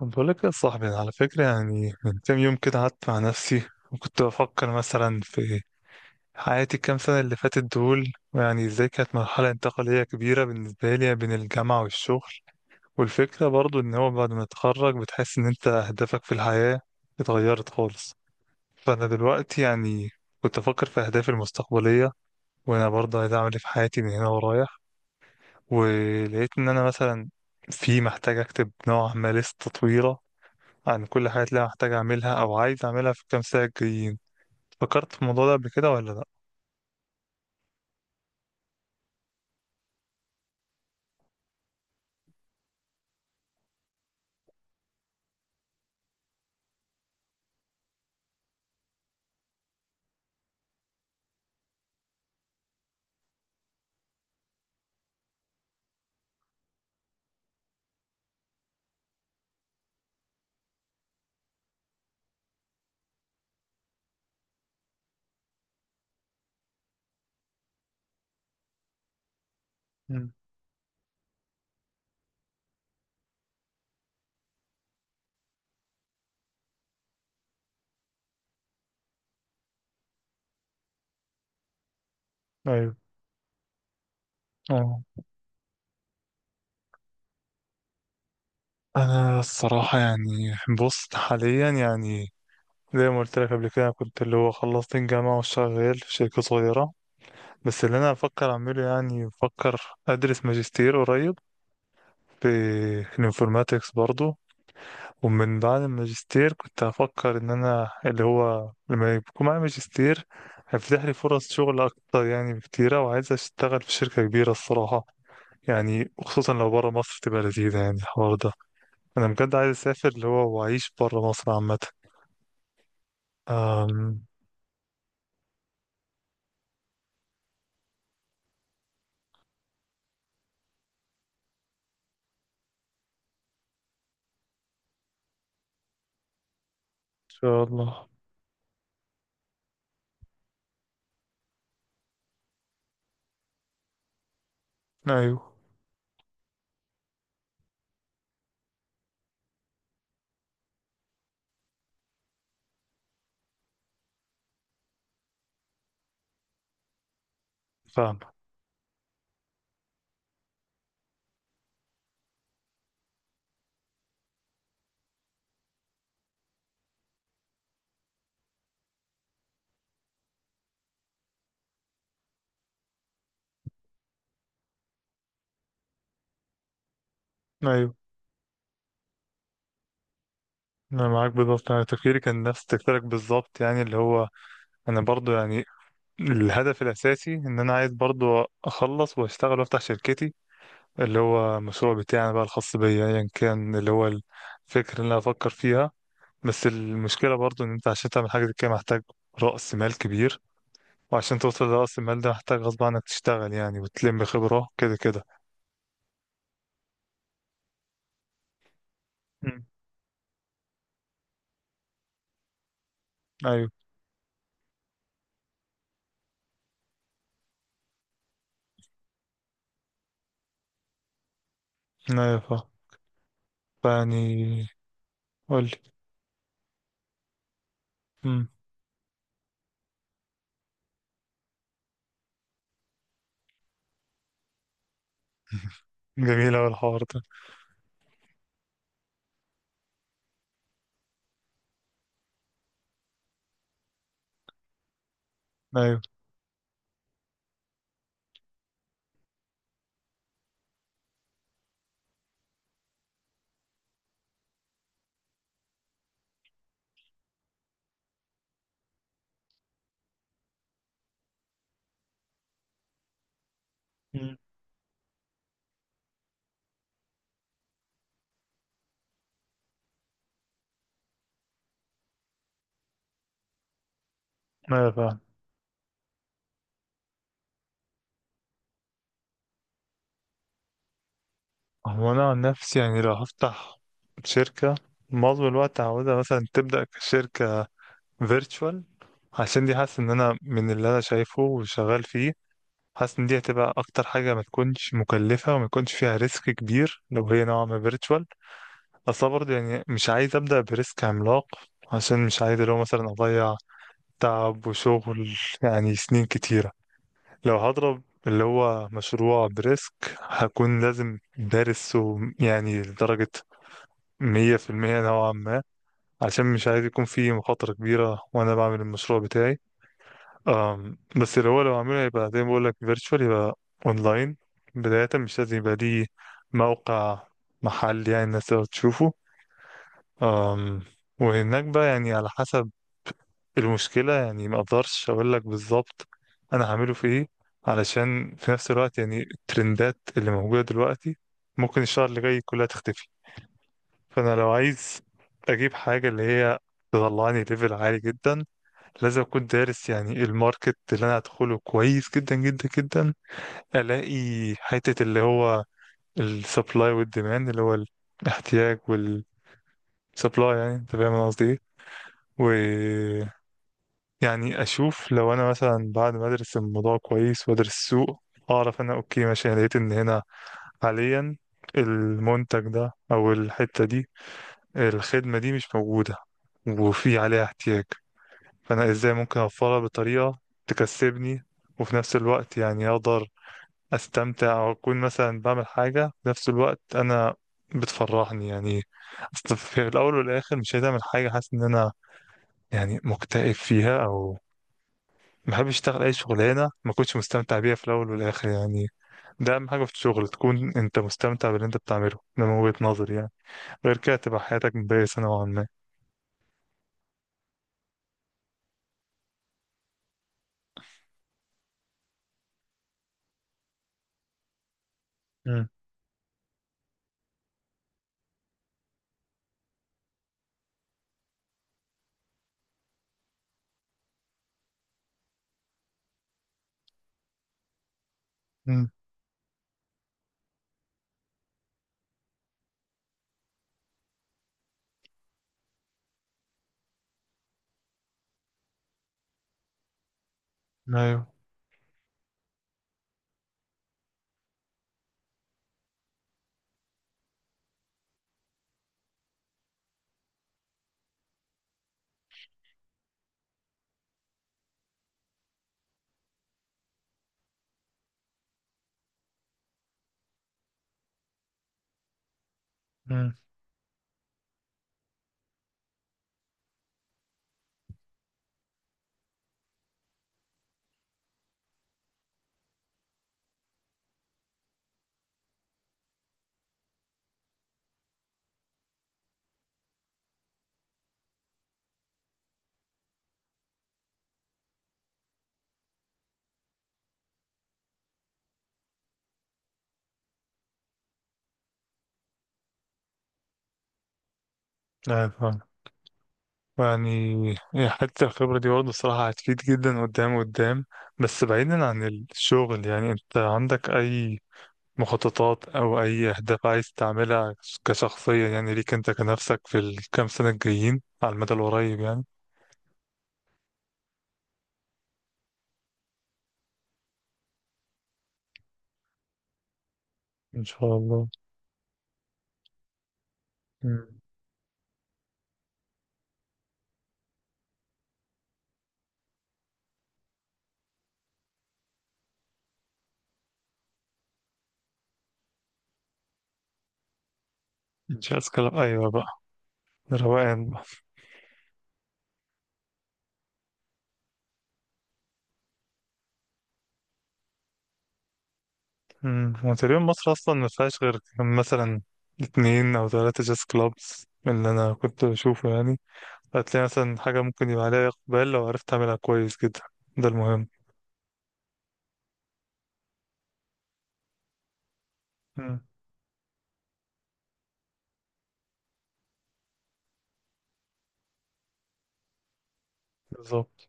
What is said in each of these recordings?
طب بقول لك يا صاحبي، أنا على فكرة يعني من كام يوم كده قعدت مع نفسي وكنت بفكر مثلا في حياتي الكام سنة اللي فاتت دول، ويعني ازاي كانت مرحلة انتقالية كبيرة بالنسبة لي بين الجامعة والشغل. والفكرة برضو ان هو بعد ما تتخرج بتحس ان انت اهدافك في الحياة اتغيرت خالص. فانا دلوقتي يعني كنت افكر في اهدافي المستقبلية، وانا برضو عايز اعمل ايه في حياتي من هنا ورايح. ولقيت ان انا مثلا في محتاج اكتب نوع ما لستة طويلة عن كل حاجة اللي أنا هحتاج أعملها أو عايز أعملها في الكام ساعة الجايين. فكرت في الموضوع ده قبل كده ولا لأ؟ مم. ايوه. اه، أنا الصراحة يعني بص حاليا يعني زي ما قلت لك قبل كده، كنت اللي هو خلصت الجامعة وشغال في شركة صغيرة. بس اللي أنا بفكر أعمله يعني بفكر أدرس ماجستير قريب في الانفورماتكس برضو. ومن بعد الماجستير كنت هفكر ان انا اللي هو لما يكون معايا ماجستير هيفتح لي فرص شغل اكتر يعني بكتيرة، وعايز اشتغل في شركة كبيرة الصراحة. يعني وخصوصا لو برا مصر تبقى لذيذة يعني الحوار ده. انا بجد عايز اسافر اللي هو واعيش برا مصر عامة. ان شاء الله. ايوه. فاهم. ايوه، انا معاك بالظبط، انا تفكيري كان نفس تفكيرك بالظبط يعني اللي هو انا برضو يعني الهدف الاساسي ان انا عايز برضو اخلص واشتغل وافتح شركتي، اللي هو المشروع بتاعنا بقى الخاص بيا ايا كان، اللي هو الفكرة اللي انا افكر فيها. بس المشكلة برضو ان انت عشان تعمل حاجة زي كده محتاج رأس مال كبير، وعشان توصل لرأس المال ده محتاج غصب عنك تشتغل يعني وتلم خبرة كده كده. مم. ايوه. ايوه فيعني قول لي. جميل اوي الحوار ده. ايوه. مم. ايوه فعلا. هو انا عن نفسي يعني لو هفتح شركة، معظم الوقت هعوزها مثلا تبدأ كشركة فيرتشوال، عشان دي حاسس ان انا من اللي انا شايفه وشغال فيه، حاسس ان دي هتبقى اكتر حاجه ما تكونش مكلفه وما يكونش فيها ريسك كبير لو هي نوعا ما فيرتشوال. اصلا برضه يعني مش عايز ابدا بريسك عملاق، عشان مش عايز اللي هو مثلا اضيع تعب وشغل يعني سنين كتيره. لو هضرب اللي هو مشروع بريسك هكون لازم دارسه يعني لدرجه 100% نوعا ما، عشان مش عايز يكون فيه مخاطرة كبيرة وأنا بعمل المشروع بتاعي. أم بس اللي هو لو عامله يبقى زي ما بقول لك فيرتشوال، يبقى اونلاين بداية، مش لازم يبقى ليه موقع، محل يعني الناس تقدر تشوفه. أم وهناك بقى يعني على حسب. المشكلة يعني ما اقدرش اقول لك بالظبط انا هعمله في ايه، علشان في نفس الوقت يعني الترندات اللي موجودة دلوقتي ممكن الشهر اللي جاي كلها تختفي. فانا لو عايز اجيب حاجة اللي هي تطلعني ليفل عالي جدا، لازم اكون دارس يعني الماركت اللي انا هدخله كويس جدا جدا جدا. الاقي حتة اللي هو السبلاي والديماند، اللي هو الاحتياج والسبلاي، يعني انت فاهم انا قصدي ايه. ويعني اشوف لو انا مثلا بعد ما ادرس الموضوع كويس وادرس السوق، اعرف انا اوكي ماشي، انا لقيت ان هنا حاليا المنتج ده او الحتة دي، الخدمة دي مش موجودة وفي عليها احتياج، فانا ازاي ممكن اوفرها بطريقه تكسبني، وفي نفس الوقت يعني اقدر استمتع واكون مثلا بعمل حاجه في نفس الوقت انا بتفرحني يعني. اصل في الاول والاخر مش عايز اعمل حاجه حاسس ان انا يعني مكتئب فيها، او ما بحبش اشتغل اي شغلانه ما كنتش مستمتع بيها في الاول والاخر يعني. ده اهم حاجه في الشغل، تكون انت مستمتع باللي انت بتعمله. ده من وجهه نظري يعني، غير كده تبقى حياتك مبائسه نوعا ما. امم. امم. ايوه. امم. ايوه يعني، هي حتة الخبرة دي برضه الصراحة هتفيد جدا قدام قدام. بس بعيدا عن الشغل، يعني انت عندك أي مخططات أو أي أهداف عايز تعملها كشخصية يعني، ليك انت كنفسك، في الكام سنة الجايين على المدى القريب يعني؟ إن شاء الله. مم. إن شاء الله. أيوة بقى، روقان بقى. مم. هو تقريبا مصر أصلا ما فيهاش غير مثلا اتنين أو تلاتة جاز كلابس من اللي أنا كنت بشوفه يعني. هتلاقي مثلا حاجة ممكن يبقى عليها إقبال لو عرفت تعملها كويس جدا، ده المهم. مم. بالظبط.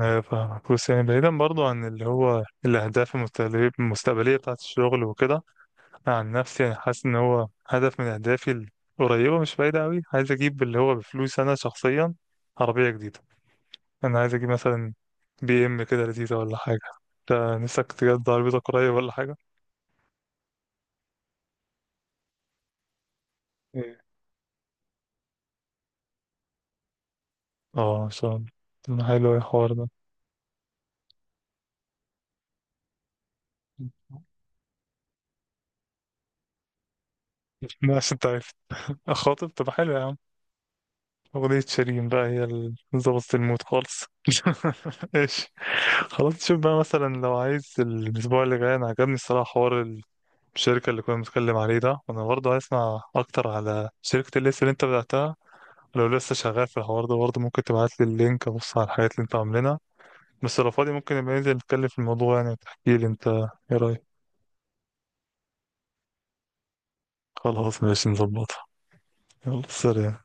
أيوة فاهمك. بص يعني بعيدا برضو عن اللي هو الأهداف المستقبلية بتاعة الشغل وكده، أنا عن نفسي يعني حاسس إن هو هدف من أهدافي القريبة مش بعيدة أوي، عايز أجيب اللي هو بفلوس أنا شخصيا عربية جديدة. أنا عايز أجيب مثلا بي إم كده لذيذة ولا حاجة. أنت نفسك تجد عربيتك قريب ولا حاجة؟ إيه. اه إن شاء الله. طب ما حلو أوي الحوار ده. عشان أنت عارف أخاطب. طب حلو يا عم. أغنية شيرين بقى هي اللي ظبطت المود خالص. ايش. خلاص شوف بقى مثلا لو عايز الأسبوع اللي جاي، أنا عجبني الصراحة حوار الشركة اللي كنا بنتكلم عليه ده، وأنا برضه عايز أسمع أكتر على شركة الليست اللي أنت بدأتها. لو لسه شغال في الحوار ده برضه ممكن تبعت لي اللينك أبص على الحاجات اللي أنت عاملينها. بس لو فاضي ممكن نبقى ننزل نتكلم في الموضوع يعني، وتحكي لي أنت إيه رأيك. خلاص ماشي نظبطها. يلا سلام.